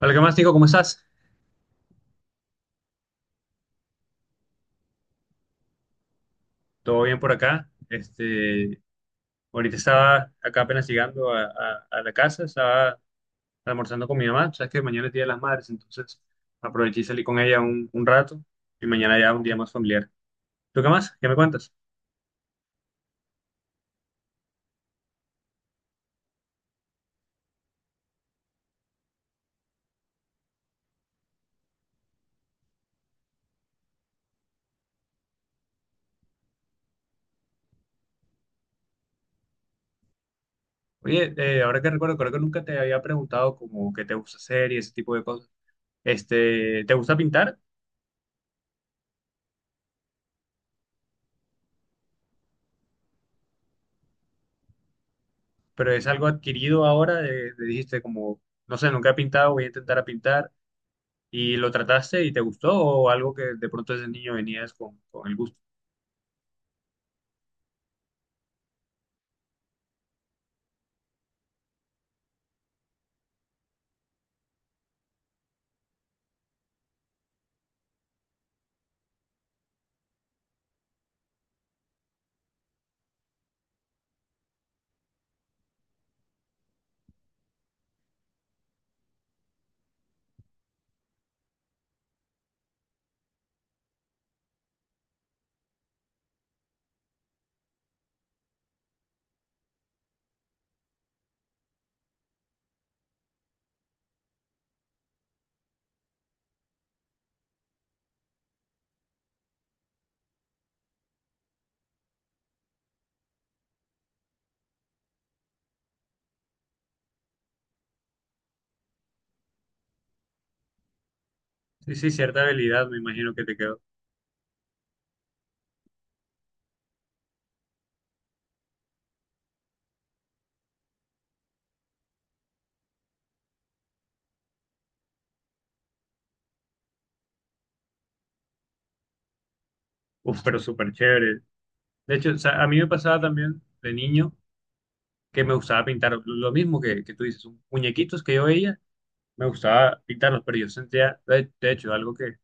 Hola, ¿qué más, Nico? ¿Cómo estás? ¿Todo bien por acá? Ahorita estaba acá apenas llegando a la casa, estaba almorzando con mi mamá. Sabes que mañana es Día de las Madres, entonces aproveché y salí con ella un rato y mañana ya un día más familiar. ¿Tú qué más? ¿Qué me cuentas? Oye, ahora que recuerdo, creo que nunca te había preguntado como qué te gusta hacer y ese tipo de cosas. Este, ¿te gusta pintar? Pero es algo adquirido ahora, dijiste como, no sé, nunca he pintado, voy a intentar a pintar. ¿Y lo trataste y te gustó o algo que de pronto desde niño venías con el gusto? Sí, sí, cierta habilidad me imagino que te quedó. Uf, pero súper chévere. De hecho, o sea, a mí me pasaba también de niño que me gustaba pintar lo mismo que tú dices, un- muñequitos que yo veía, me gustaba pintarlos, pero yo sentía, de hecho, algo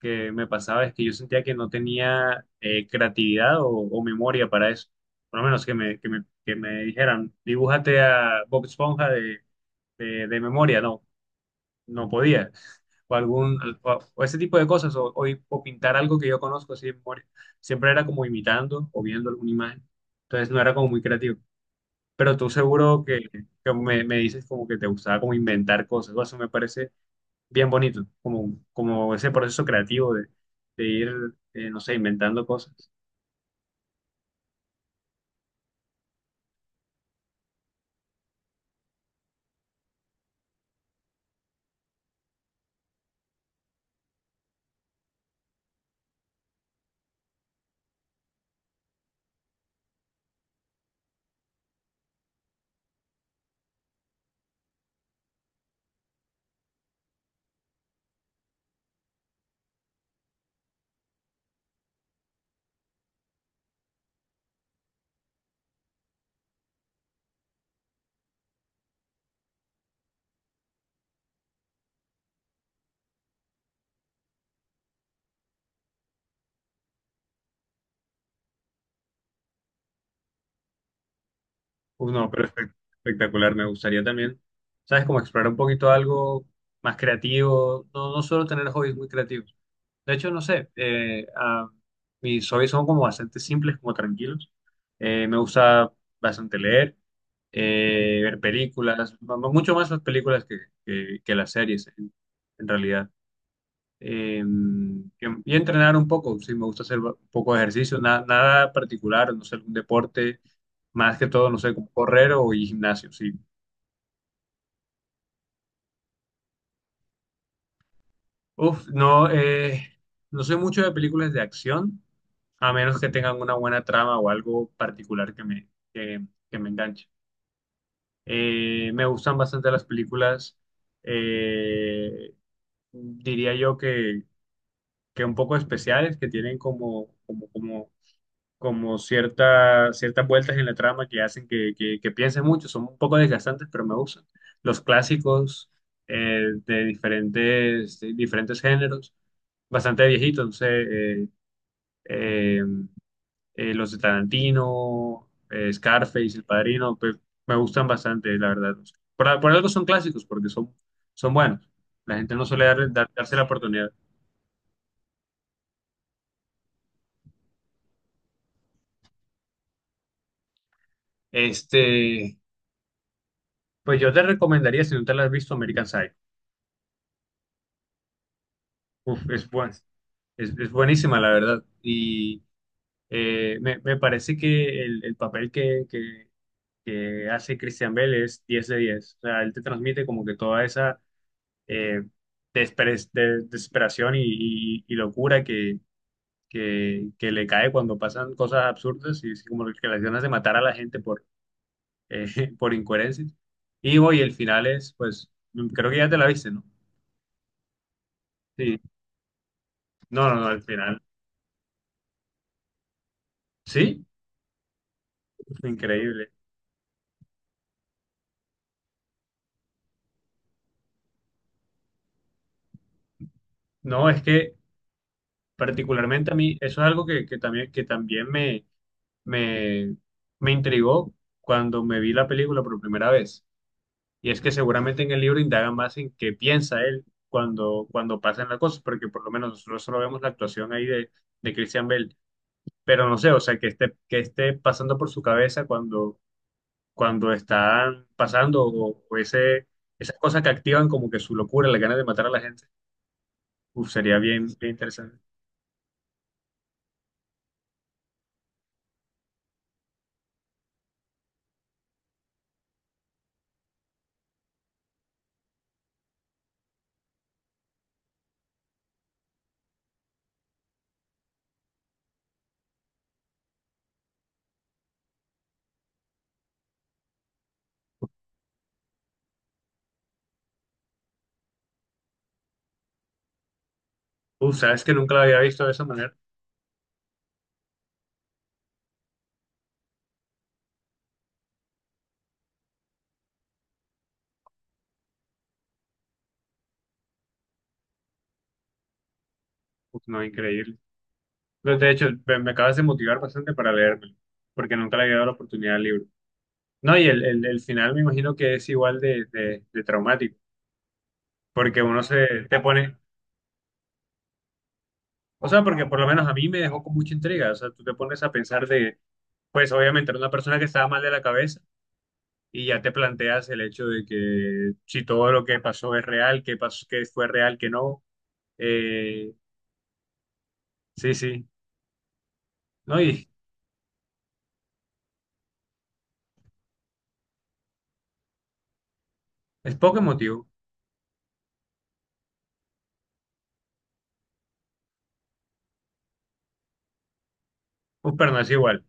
que me pasaba es que yo sentía que no tenía creatividad o memoria para eso. Por lo menos que me dijeran, dibújate a Bob Esponja de memoria, ¿no? No podía. O, algún, o ese tipo de cosas, o pintar algo que yo conozco así de memoria. Siempre era como imitando o viendo alguna imagen. Entonces no era como muy creativo. Pero tú seguro que me dices como que te gustaba como inventar cosas. O eso me parece bien bonito, como ese proceso creativo de ir, no sé, inventando cosas. Uf, no, pero espe- espectacular. Me gustaría también, ¿sabes? Como explorar un poquito algo más creativo. No, no solo tener hobbies muy creativos. De hecho, no sé, mis hobbies son como bastante simples, como tranquilos. Me gusta bastante leer, ver películas, mucho más las películas que las series, en realidad. Eh, y, y entrenar un poco, sí, me gusta hacer ba- un poco de ejercicio, na- nada particular, no sé, algún deporte, más que todo, no sé, como correr o ir gimnasio, sí. Uf, no, no soy mucho de películas de acción. A menos que tengan una buena trama o algo particular que me enganche. Me gustan bastante las películas, eh, diría yo que un poco especiales, que tienen como cierta, ciertas vueltas en la trama que hacen que piense mucho, son un poco desgastantes, pero me gustan. Los clásicos, de diferentes géneros, bastante viejitos, no sé. eh, eh, los de Tarantino, Scarface, El Padrino, pues me gustan bastante, la verdad. Por algo son clásicos, porque son, son buenos. La gente no suele darse la oportunidad. Este, pues yo te recomendaría, si no te la has visto, American Psycho. Uf, es buen- es buenísima, la verdad. Y me, me parece que el papel que hace Christian Bale es 10 de 10. O sea, él te transmite como que toda esa eh, desesperación y locura que le cae cuando pasan cosas absurdas y así como que las ganas de matar a la gente por, eh, por incoherencias. Y hoy el final es, pues, mm, creo que ya te la viste, ¿no? Sí, no, no, no, el final. Sí, increíble. No, es que particularmente a mí, eso es algo que también me, me intrigó cuando me vi la película por primera vez. Y es que seguramente en el libro indaga más en qué piensa él cuando, cuando pasan las cosas, porque por lo menos nosotros solo vemos la actuación ahí de Christian Bale, pero no sé, o sea, que esté pasando por su cabeza cuando, cuando están pasando esas cosas que activan como que su locura, la ganas de matar a la gente, uf, sería bien, bien interesante. Uf, sabes que nunca lo había visto de esa manera, uf, no, increíble. De hecho, me acabas de motivar bastante para leérmelo, porque nunca le había dado la oportunidad al libro. No, y el final me imagino que es igual de traumático, porque uno se te pone, o sea, porque por lo menos a mí me dejó con mucha intriga, o sea, tú te pones a pensar de, pues obviamente era una persona que estaba mal de la cabeza y ya te planteas el hecho de que si todo lo que pasó es real, qué pasó, qué fue real, qué no, eh, sí, sí, no, y es poco emotivo, uf, pero no es igual,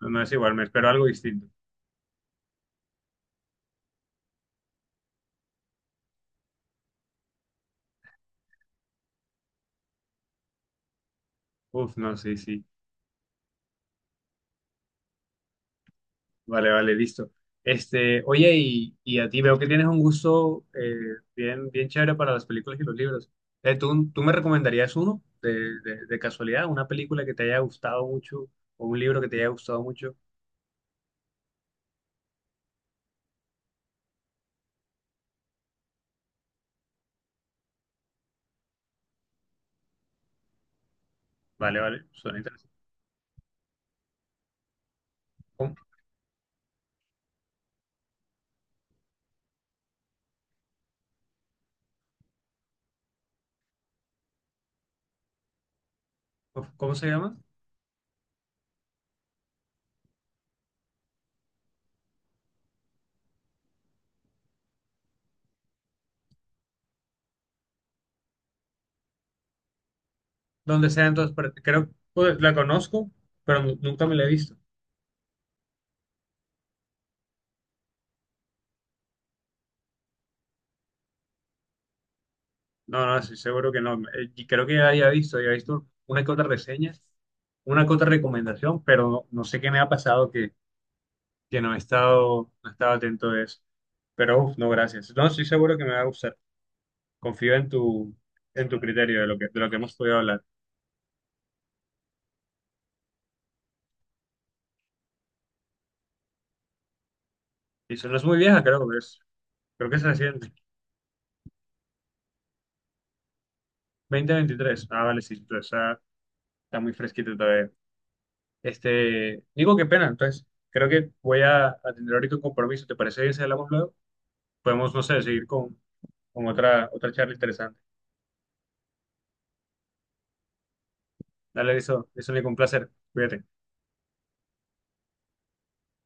no es igual, me espero algo distinto, uf, no, sí, sí. Vale, vale, listo. Este, oye, y a ti veo que tienes un gusto bien, bien chévere para las películas y los libros. ¿ Tú me recomendarías uno de casualidad, ¿una película que te haya gustado mucho o un libro que te haya gustado mucho? Vale, vale, suena interesante. ¿Cómo, cómo- se llama? Donde sea, entonces, pero creo pues, la conozco, pero nu- nunca me la he visto. No, no, sí seguro que no. Y creo que ya había visto una que otra reseña, una que otra recomendación, pero no, no sé qué me ha pasado que no he estado, no he estado atento de eso. Pero uf, no, gracias. No, estoy seguro que me va a gustar. Confío en tu criterio de lo que hemos podido hablar. Y eso no es muy vieja, creo que es reciente. 2023. Ah, vale, sí, entonces está, está muy fresquito todavía. Este, digo, qué pena, entonces creo que voy a tener ahorita un compromiso. ¿Te parece bien si hablamos luego? Podemos, no sé, seguir con otra, otra charla interesante. Dale, eso, Nico, un placer. Cuídate.